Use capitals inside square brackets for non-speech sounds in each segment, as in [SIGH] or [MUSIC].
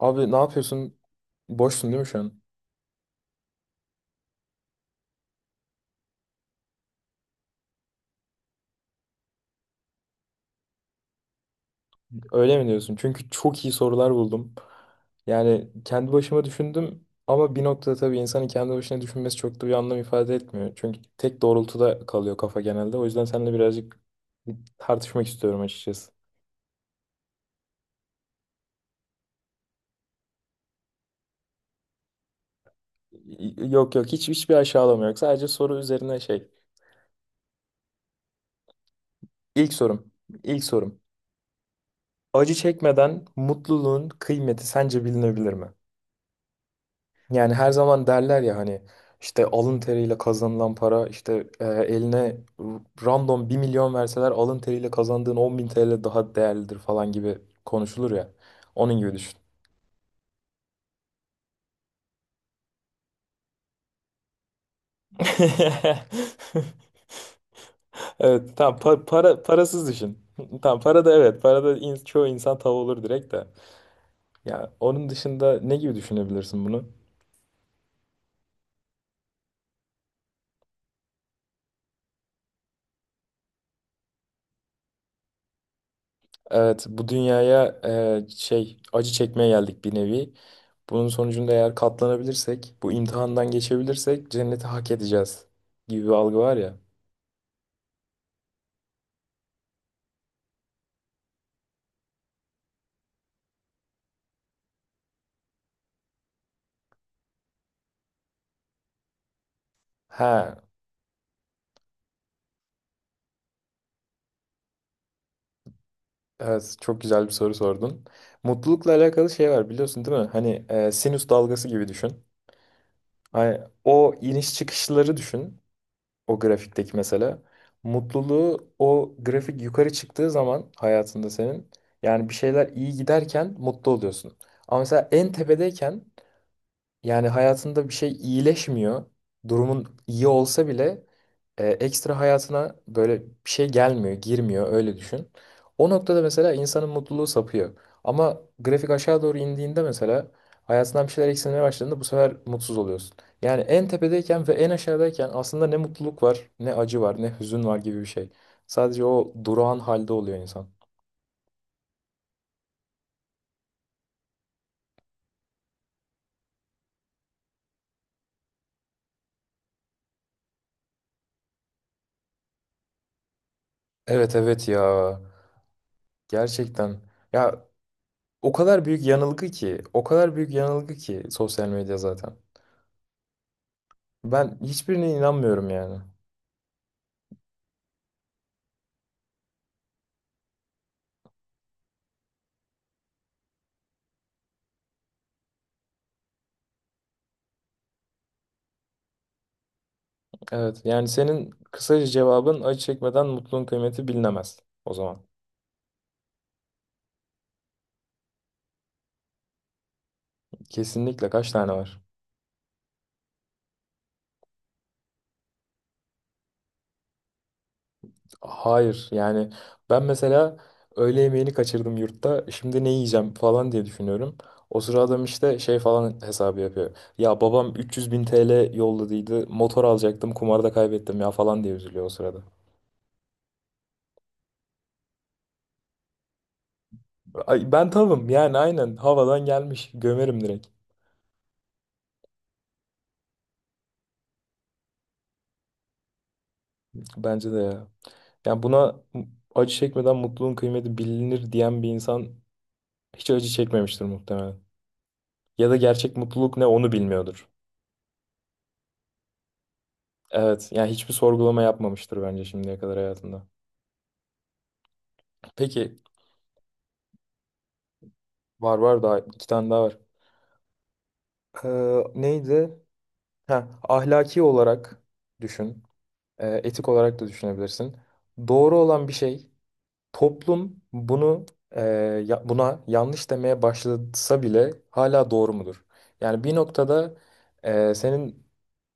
Abi, ne yapıyorsun? Boşsun değil mi şu an? Öyle mi diyorsun? Çünkü çok iyi sorular buldum. Yani kendi başıma düşündüm ama bir noktada tabii insanın kendi başına düşünmesi çok da bir anlam ifade etmiyor. Çünkü tek doğrultuda kalıyor kafa genelde. O yüzden seninle birazcık tartışmak istiyorum açıkçası. Yok yok, hiç hiçbir aşağılama yok. Sadece soru üzerine şey. İlk sorum. İlk sorum. Acı çekmeden mutluluğun kıymeti sence bilinebilir mi? Yani her zaman derler ya, hani işte alın teriyle kazanılan para, işte eline random 1.000.000 verseler alın teriyle kazandığın 10.000 TL daha değerlidir falan gibi konuşulur ya. Onun gibi düşün. [LAUGHS] Evet, tamam, para, parasız düşün. [LAUGHS] Tamam, para da, evet, para da çoğu insan tav olur direkt de. Ya onun dışında ne gibi düşünebilirsin bunu? Evet, bu dünyaya acı çekmeye geldik bir nevi. Bunun sonucunda eğer katlanabilirsek, bu imtihandan geçebilirsek cenneti hak edeceğiz gibi bir algı var ya. Ha, evet, çok güzel bir soru sordun. Mutlulukla alakalı şey var, biliyorsun değil mi? Hani sinüs dalgası gibi düşün. Hani o iniş çıkışları düşün, o grafikteki mesela. Mutluluğu, o grafik yukarı çıktığı zaman hayatında senin, yani bir şeyler iyi giderken mutlu oluyorsun. Ama mesela en tepedeyken, yani hayatında bir şey iyileşmiyor. Durumun iyi olsa bile ekstra hayatına böyle bir şey gelmiyor, girmiyor, öyle düşün. O noktada mesela insanın mutluluğu sapıyor. Ama grafik aşağı doğru indiğinde mesela, hayatından bir şeyler eksilmeye başladığında, bu sefer mutsuz oluyorsun. Yani en tepedeyken ve en aşağıdayken aslında ne mutluluk var, ne acı var, ne hüzün var gibi bir şey. Sadece o durağan halde oluyor insan. Evet, evet ya. Gerçekten. Ya, o kadar büyük yanılgı ki, o kadar büyük yanılgı ki sosyal medya zaten. Ben hiçbirine inanmıyorum yani. Evet, yani senin kısaca cevabın, acı çekmeden mutluluğun kıymeti bilinemez o zaman. Kesinlikle kaç tane var? Hayır, yani ben mesela öğle yemeğini kaçırdım yurtta, şimdi ne yiyeceğim falan diye düşünüyorum. O sıra adam işte şey falan hesabı yapıyor. Ya, babam 300 bin TL yolladıydı, motor alacaktım, kumarda kaybettim ya falan diye üzülüyor o sırada. Ay, ben tavım yani, aynen havadan gelmiş. Gömerim direkt. Bence de ya. Yani buna acı çekmeden mutluluğun kıymeti bilinir diyen bir insan hiç acı çekmemiştir muhtemelen. Ya da gerçek mutluluk ne, onu bilmiyordur. Evet, yani hiçbir sorgulama yapmamıştır bence şimdiye kadar hayatında. Peki. Var, var, daha iki tane daha var. Neydi? Ha, ahlaki olarak düşün. Etik olarak da düşünebilirsin. Doğru olan bir şey, toplum bunu e, buna yanlış demeye başlasa bile hala doğru mudur? Yani bir noktada senin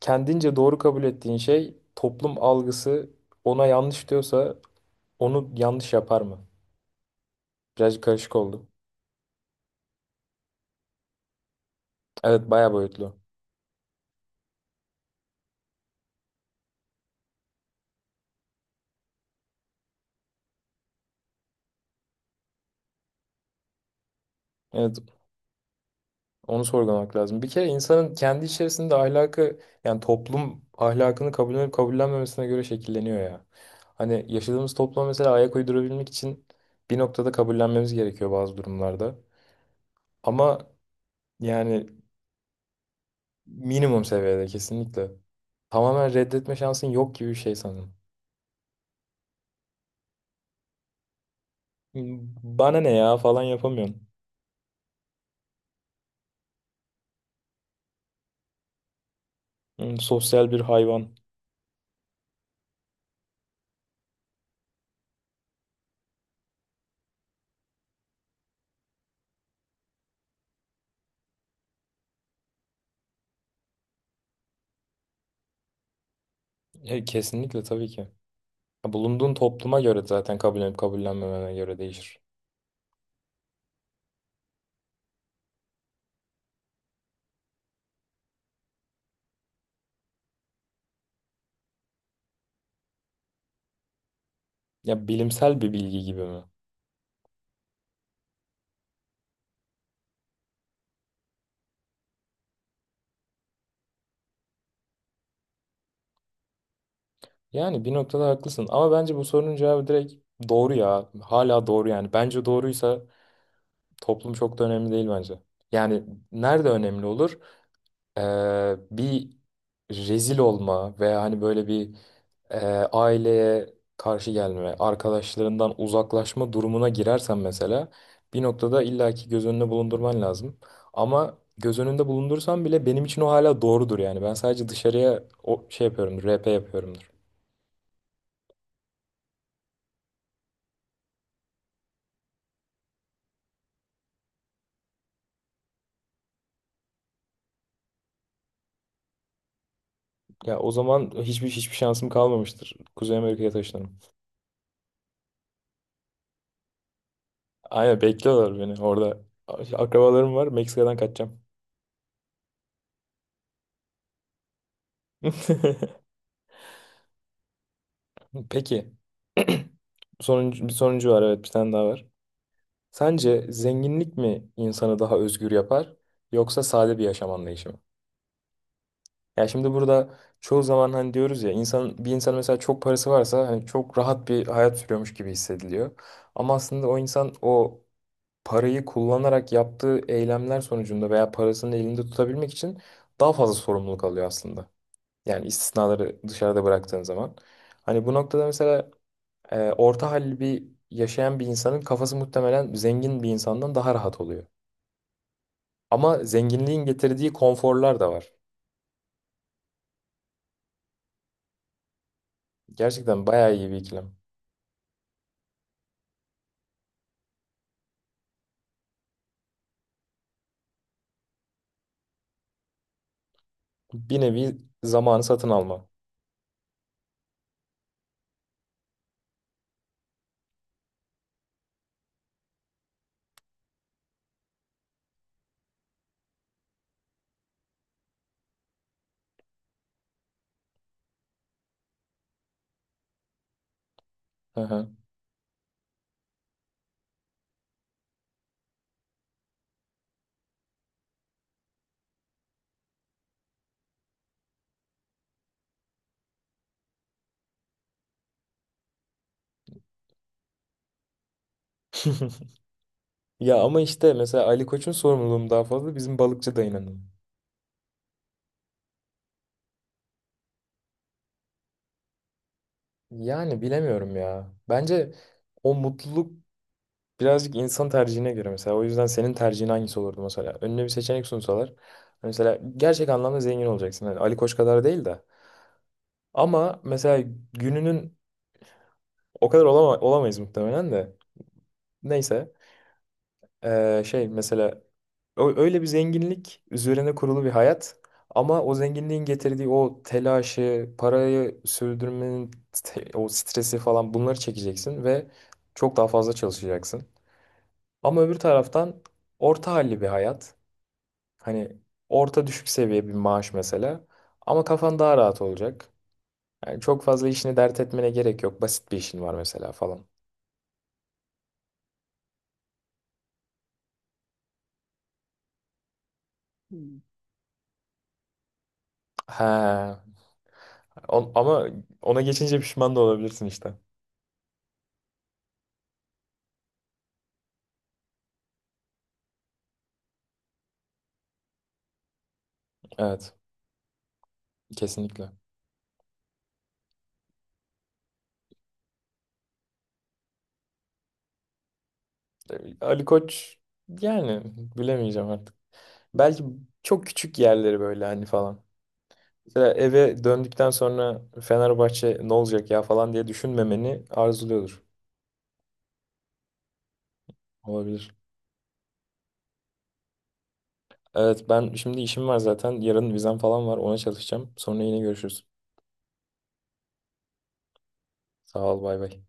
kendince doğru kabul ettiğin şey, toplum algısı ona yanlış diyorsa onu yanlış yapar mı? Biraz karışık oldu. Evet, bayağı boyutlu. Evet, onu sorgulamak lazım. Bir kere insanın kendi içerisinde ahlakı, yani toplum ahlakını kabullenip kabullenmemesine göre şekilleniyor ya. Hani yaşadığımız topluma mesela ayak uydurabilmek için bir noktada kabullenmemiz gerekiyor bazı durumlarda. Ama yani minimum seviyede kesinlikle. Tamamen reddetme şansın yok gibi bir şey sanırım. Hmm, bana ne ya falan yapamıyorsun. Hmm, sosyal bir hayvan. Kesinlikle, tabii ki. Bulunduğun topluma göre zaten, kabullenip kabullenmemene göre değişir. Ya, bilimsel bir bilgi gibi mi? Yani bir noktada haklısın ama bence bu sorunun cevabı direkt doğru ya. Hala doğru yani. Bence doğruysa toplum çok da önemli değil bence. Yani nerede önemli olur? e, Bir rezil olma veya hani böyle bir, aileye karşı gelme, arkadaşlarından uzaklaşma durumuna girersen mesela, bir noktada illaki göz önüne bulundurman lazım. Ama göz önünde bulundursan bile benim için o hala doğrudur yani. Ben sadece dışarıya o şey yapıyorumdur, RP yapıyorumdur. Ya, o zaman hiçbir şansım kalmamıştır. Kuzey Amerika'ya taşınırım. Aynen, bekliyorlar beni orada. Akrabalarım var, Meksika'dan kaçacağım. [LAUGHS] Peki. Bir sonuncu var, evet, bir tane daha var. Sence zenginlik mi insanı daha özgür yapar, yoksa sade bir yaşam anlayışı mı? Ya şimdi burada çoğu zaman hani diyoruz ya, insan, bir insan mesela çok parası varsa hani çok rahat bir hayat sürüyormuş gibi hissediliyor. Ama aslında o insan, o parayı kullanarak yaptığı eylemler sonucunda veya parasını elinde tutabilmek için daha fazla sorumluluk alıyor aslında. Yani istisnaları dışarıda bıraktığın zaman. Hani bu noktada mesela orta halli bir yaşayan bir insanın kafası muhtemelen zengin bir insandan daha rahat oluyor. Ama zenginliğin getirdiği konforlar da var. Gerçekten bayağı iyi bir ikilem. Bir nevi zamanı satın alma. Hı hı. [LAUGHS] Ya ama işte mesela Ali Koç'un sorumluluğum daha fazla bizim balıkçı dayının. Yani bilemiyorum ya. Bence o mutluluk birazcık insan tercihine göre mesela. O yüzden senin tercihin hangisi olurdu mesela? Önüne bir seçenek sunsalar. Mesela gerçek anlamda zengin olacaksın. Hani Ali Koç kadar değil de. Ama mesela gününün o kadar olamayız muhtemelen de. Neyse. Mesela öyle bir zenginlik üzerine kurulu bir hayat. Ama o zenginliğin getirdiği o telaşı, parayı sürdürmenin o stresi falan, bunları çekeceksin ve çok daha fazla çalışacaksın. Ama öbür taraftan, orta halli bir hayat. Hani orta düşük seviye bir maaş mesela. Ama kafan daha rahat olacak. Yani çok fazla işini dert etmene gerek yok. Basit bir işin var mesela falan. He. Ama ona geçince pişman da olabilirsin işte. Evet. Kesinlikle. Ali Koç, yani bilemeyeceğim artık. Belki çok küçük yerleri böyle hani falan. Mesela eve döndükten sonra Fenerbahçe ne olacak ya falan diye düşünmemeni arzuluyordur. Olabilir. Evet, ben şimdi işim var zaten. Yarın vizem falan var. Ona çalışacağım. Sonra yine görüşürüz. Sağ ol, bay bay.